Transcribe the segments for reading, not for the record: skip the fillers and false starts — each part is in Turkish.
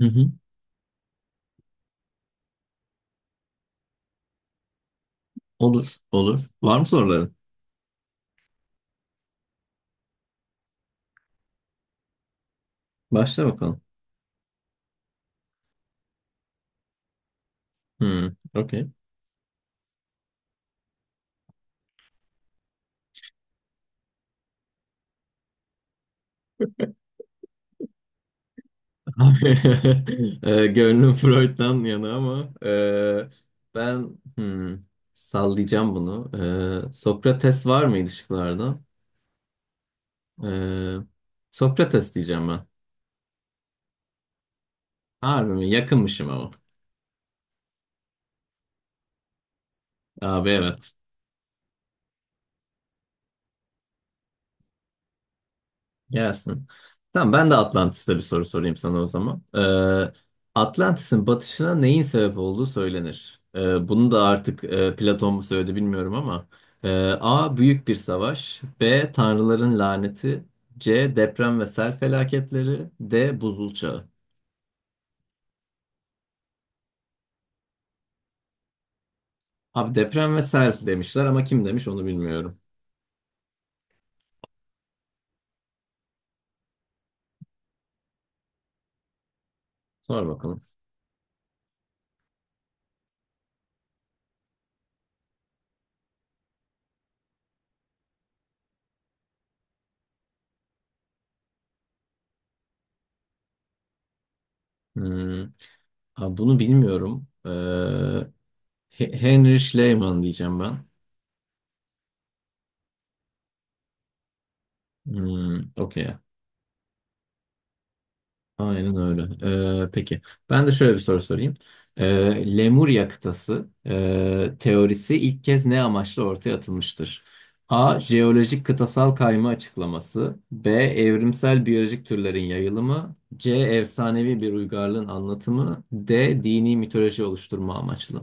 Hı hı. Olur, olur. Var mı soruların? Başla bakalım. Hmm, okey. Abi, gönlüm Freud'dan yana ama ben sallayacağım bunu. Sokrates var mıydı şıklarda? E, Sokrates diyeceğim ben. Harbi mi? Yakınmışım ama. Abi evet. Gelsin. Tamam ben de Atlantis'te bir soru sorayım sana o zaman. Atlantis'in batışına neyin sebep olduğu söylenir. Bunu da artık Platon mu söyledi bilmiyorum ama. Ee, A. Büyük bir savaş. B. Tanrıların laneti. C. Deprem ve sel felaketleri. D. Buzul çağı. Abi deprem ve sel demişler ama kim demiş onu bilmiyorum. Sor bakalım. Hmm, abi bunu bilmiyorum. Henry Schliemann diyeceğim ben. Hmm, okey. Aynen öyle. Peki. Ben de şöyle bir soru sorayım. Lemurya kıtası teorisi ilk kez ne amaçla ortaya atılmıştır? A. Jeolojik kıtasal kayma açıklaması. B. Evrimsel biyolojik türlerin yayılımı. C. Efsanevi bir uygarlığın anlatımı. D. Dini mitoloji oluşturma amaçlı.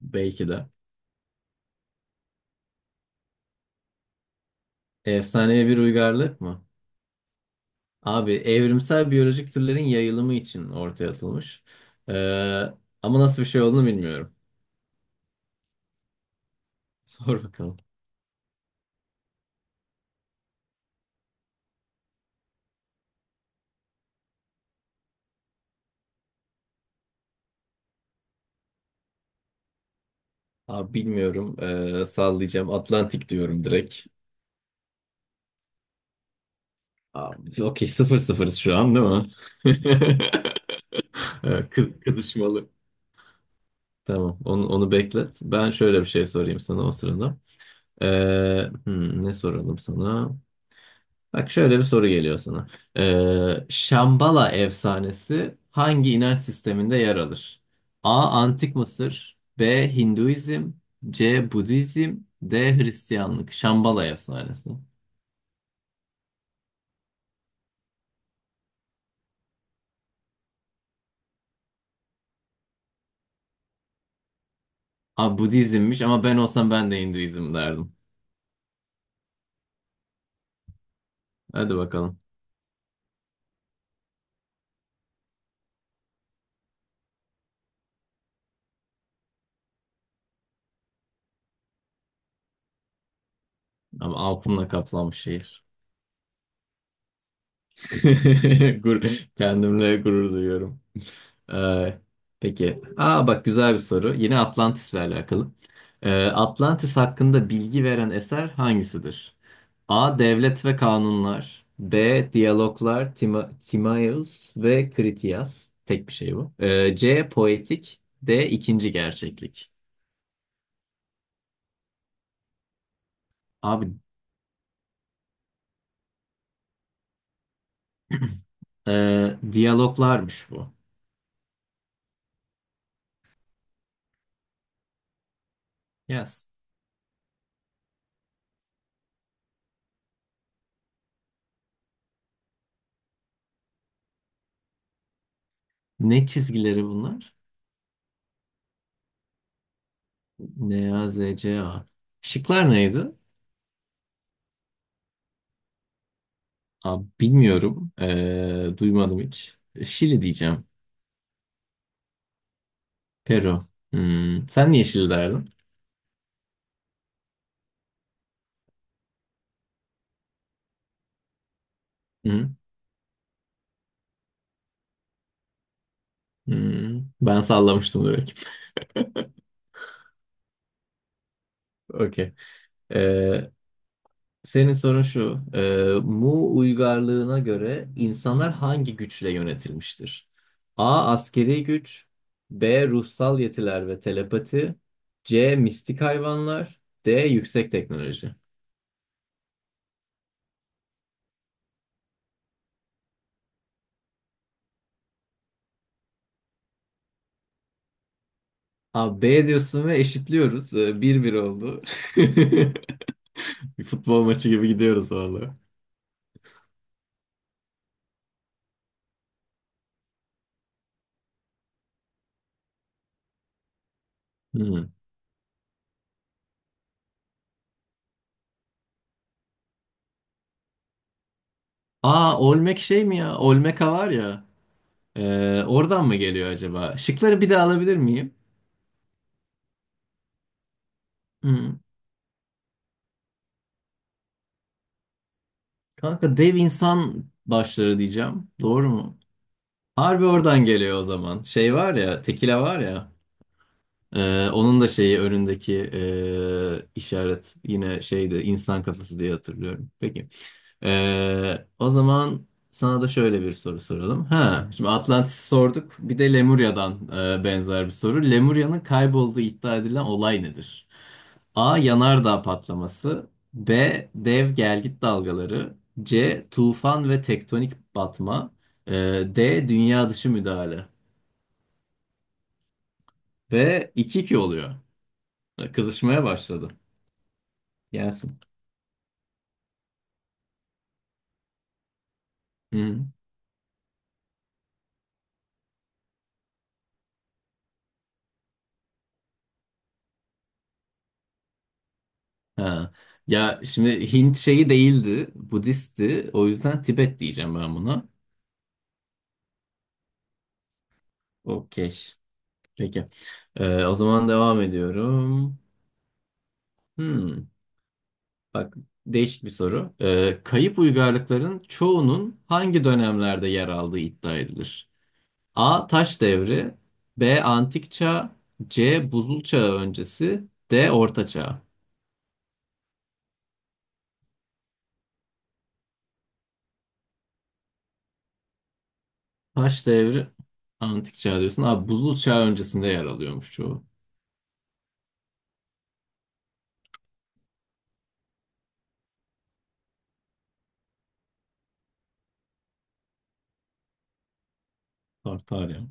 Belki de. Efsanevi bir uygarlık mı? Abi evrimsel biyolojik türlerin yayılımı için ortaya atılmış. Ee, ama nasıl bir şey olduğunu bilmiyorum. Sor bakalım. Abi bilmiyorum. Sallayacağım. Atlantik diyorum direkt. Abi, okey, sıfır sıfırız şu an değil mi? Kızışmalı. Tamam, onu beklet. Ben şöyle bir şey sorayım sana o sırada. Ne soralım sana? Bak, şöyle bir soru geliyor sana. Şambala efsanesi hangi inanç sisteminde yer alır? A. Antik Mısır. B. Hinduizm. C. Budizm. D. Hristiyanlık. Şambala efsanesi. A. Budizmmiş, ama ben olsam ben de Hinduizm derdim. Hadi bakalım. Ama aklımla kaplanmış şehir. Kendimle gurur duyuyorum. Ee, peki. Aa, bak, güzel bir soru. Yine Atlantis'le alakalı. Atlantis hakkında bilgi veren eser hangisidir? A. Devlet ve Kanunlar. B. Diyaloglar, Tima Timaeus ve Critias. Tek bir şey bu. C. Poetik. D. İkinci Gerçeklik. Abi, e, diyaloglarmış bu. Yes. Ne çizgileri bunlar? Ne, A, Z, C, A. Şıklar neydi? Abi bilmiyorum. Duymadım hiç. Şili diyeceğim. Peru. Hmm. Sen niye Şili derdin? Hı? Hmm. Ben sallamıştım direkt. Okey. Ee, senin sorun şu. Mu uygarlığına göre insanlar hangi güçle yönetilmiştir? A. Askeri güç. B. Ruhsal yetiler ve telepati. C. Mistik hayvanlar. D. Yüksek teknoloji. Abi, B diyorsun ve eşitliyoruz. Bir bir oldu. Bir futbol maçı gibi gidiyoruz vallahi. Hmm. Aa, Olmek şey mi ya? Olmeka var ya. Oradan mı geliyor acaba? Şıkları bir daha alabilir miyim? Hmm. Kanka, dev insan başları diyeceğim. Doğru mu? Harbi oradan geliyor o zaman. Şey var ya, tekila var ya. Onun da şeyi önündeki işaret yine şeydi, insan kafası diye hatırlıyorum. Peki. O zaman sana da şöyle bir soru soralım. Ha, şimdi Atlantis sorduk. Bir de Lemurya'dan benzer bir soru. Lemurya'nın kaybolduğu iddia edilen olay nedir? A. Yanardağ patlaması. B. Dev gelgit dalgaları. C. Tufan ve tektonik batma. E, D. Dünya dışı müdahale. Ve iki 2 oluyor. Kızışmaya başladı. Gelsin. Hı hı. Ha. Ya, şimdi Hint şeyi değildi, Budist'ti. O yüzden Tibet diyeceğim ben buna. Okey. Peki. O zaman devam ediyorum. Hmm. Bak, değişik bir soru. Kayıp uygarlıkların çoğunun hangi dönemlerde yer aldığı iddia edilir? A. Taş devri. B. Antik çağ. C. Buzul çağı öncesi. D. Orta çağ. Taş devri, Antik çağ diyorsun. Abi, buzul çağı öncesinde yer alıyormuş çoğu. Tartarya.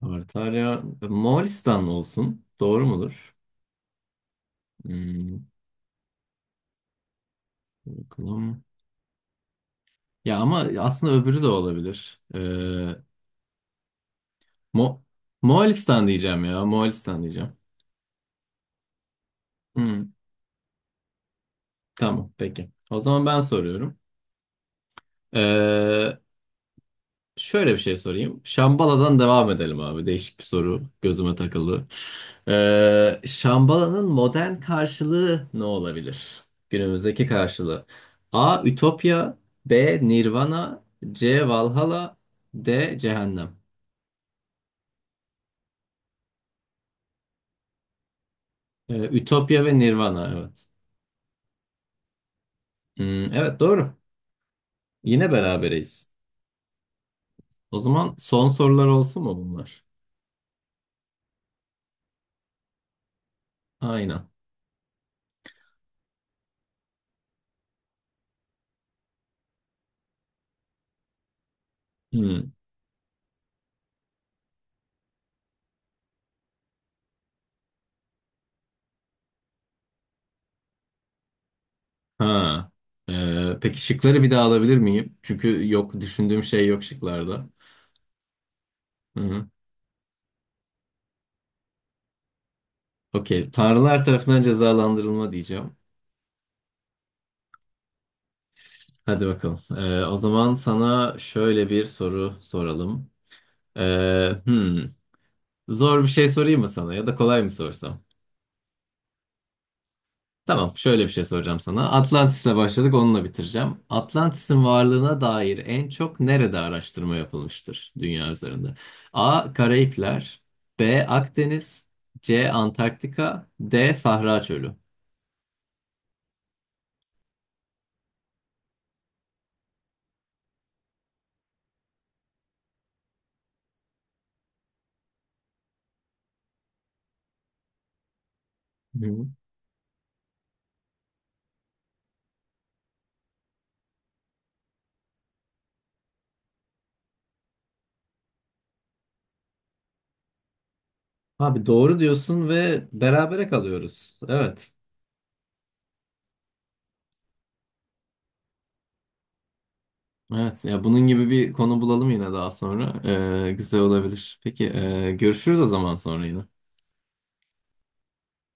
Tartarya, Moğolistan olsun. Doğru mudur? Hmm, bakalım. Ya ama aslında öbürü de olabilir. Mo Moğolistan diyeceğim ya. Moğolistan diyeceğim. Hmm, tamam, peki. O zaman ben soruyorum. Ee, Şöyle bir şey sorayım. Şambala'dan devam edelim abi. Değişik bir soru. Gözüme takıldı. Şambala'nın modern karşılığı ne olabilir? Günümüzdeki karşılığı. A. Ütopya. B. Nirvana. C. Valhalla. D. Cehennem. Ütopya ve Nirvana, evet. Hmm, evet, doğru. Yine berabereyiz. O zaman son sorular olsun mu bunlar? Aynen. Hmm. Ha. Peki, şıkları bir daha alabilir miyim? Çünkü yok, düşündüğüm şey yok şıklarda. Hı-hı. Okey. Tanrılar tarafından cezalandırılma diyeceğim. Hadi bakalım. O zaman sana şöyle bir soru soralım. Ee, hmm. Zor bir şey sorayım mı sana, ya da kolay mı sorsam? Tamam, şöyle bir şey soracağım sana. Atlantis'le başladık, onunla bitireceğim. Atlantis'in varlığına dair en çok nerede araştırma yapılmıştır dünya üzerinde? A. Karayipler. B. Akdeniz. C. Antarktika. D. Sahra Çölü. Hı. Abi, doğru diyorsun ve berabere kalıyoruz. Evet. Evet. Ya, bunun gibi bir konu bulalım yine daha sonra. Güzel olabilir. Peki, görüşürüz o zaman sonra yine.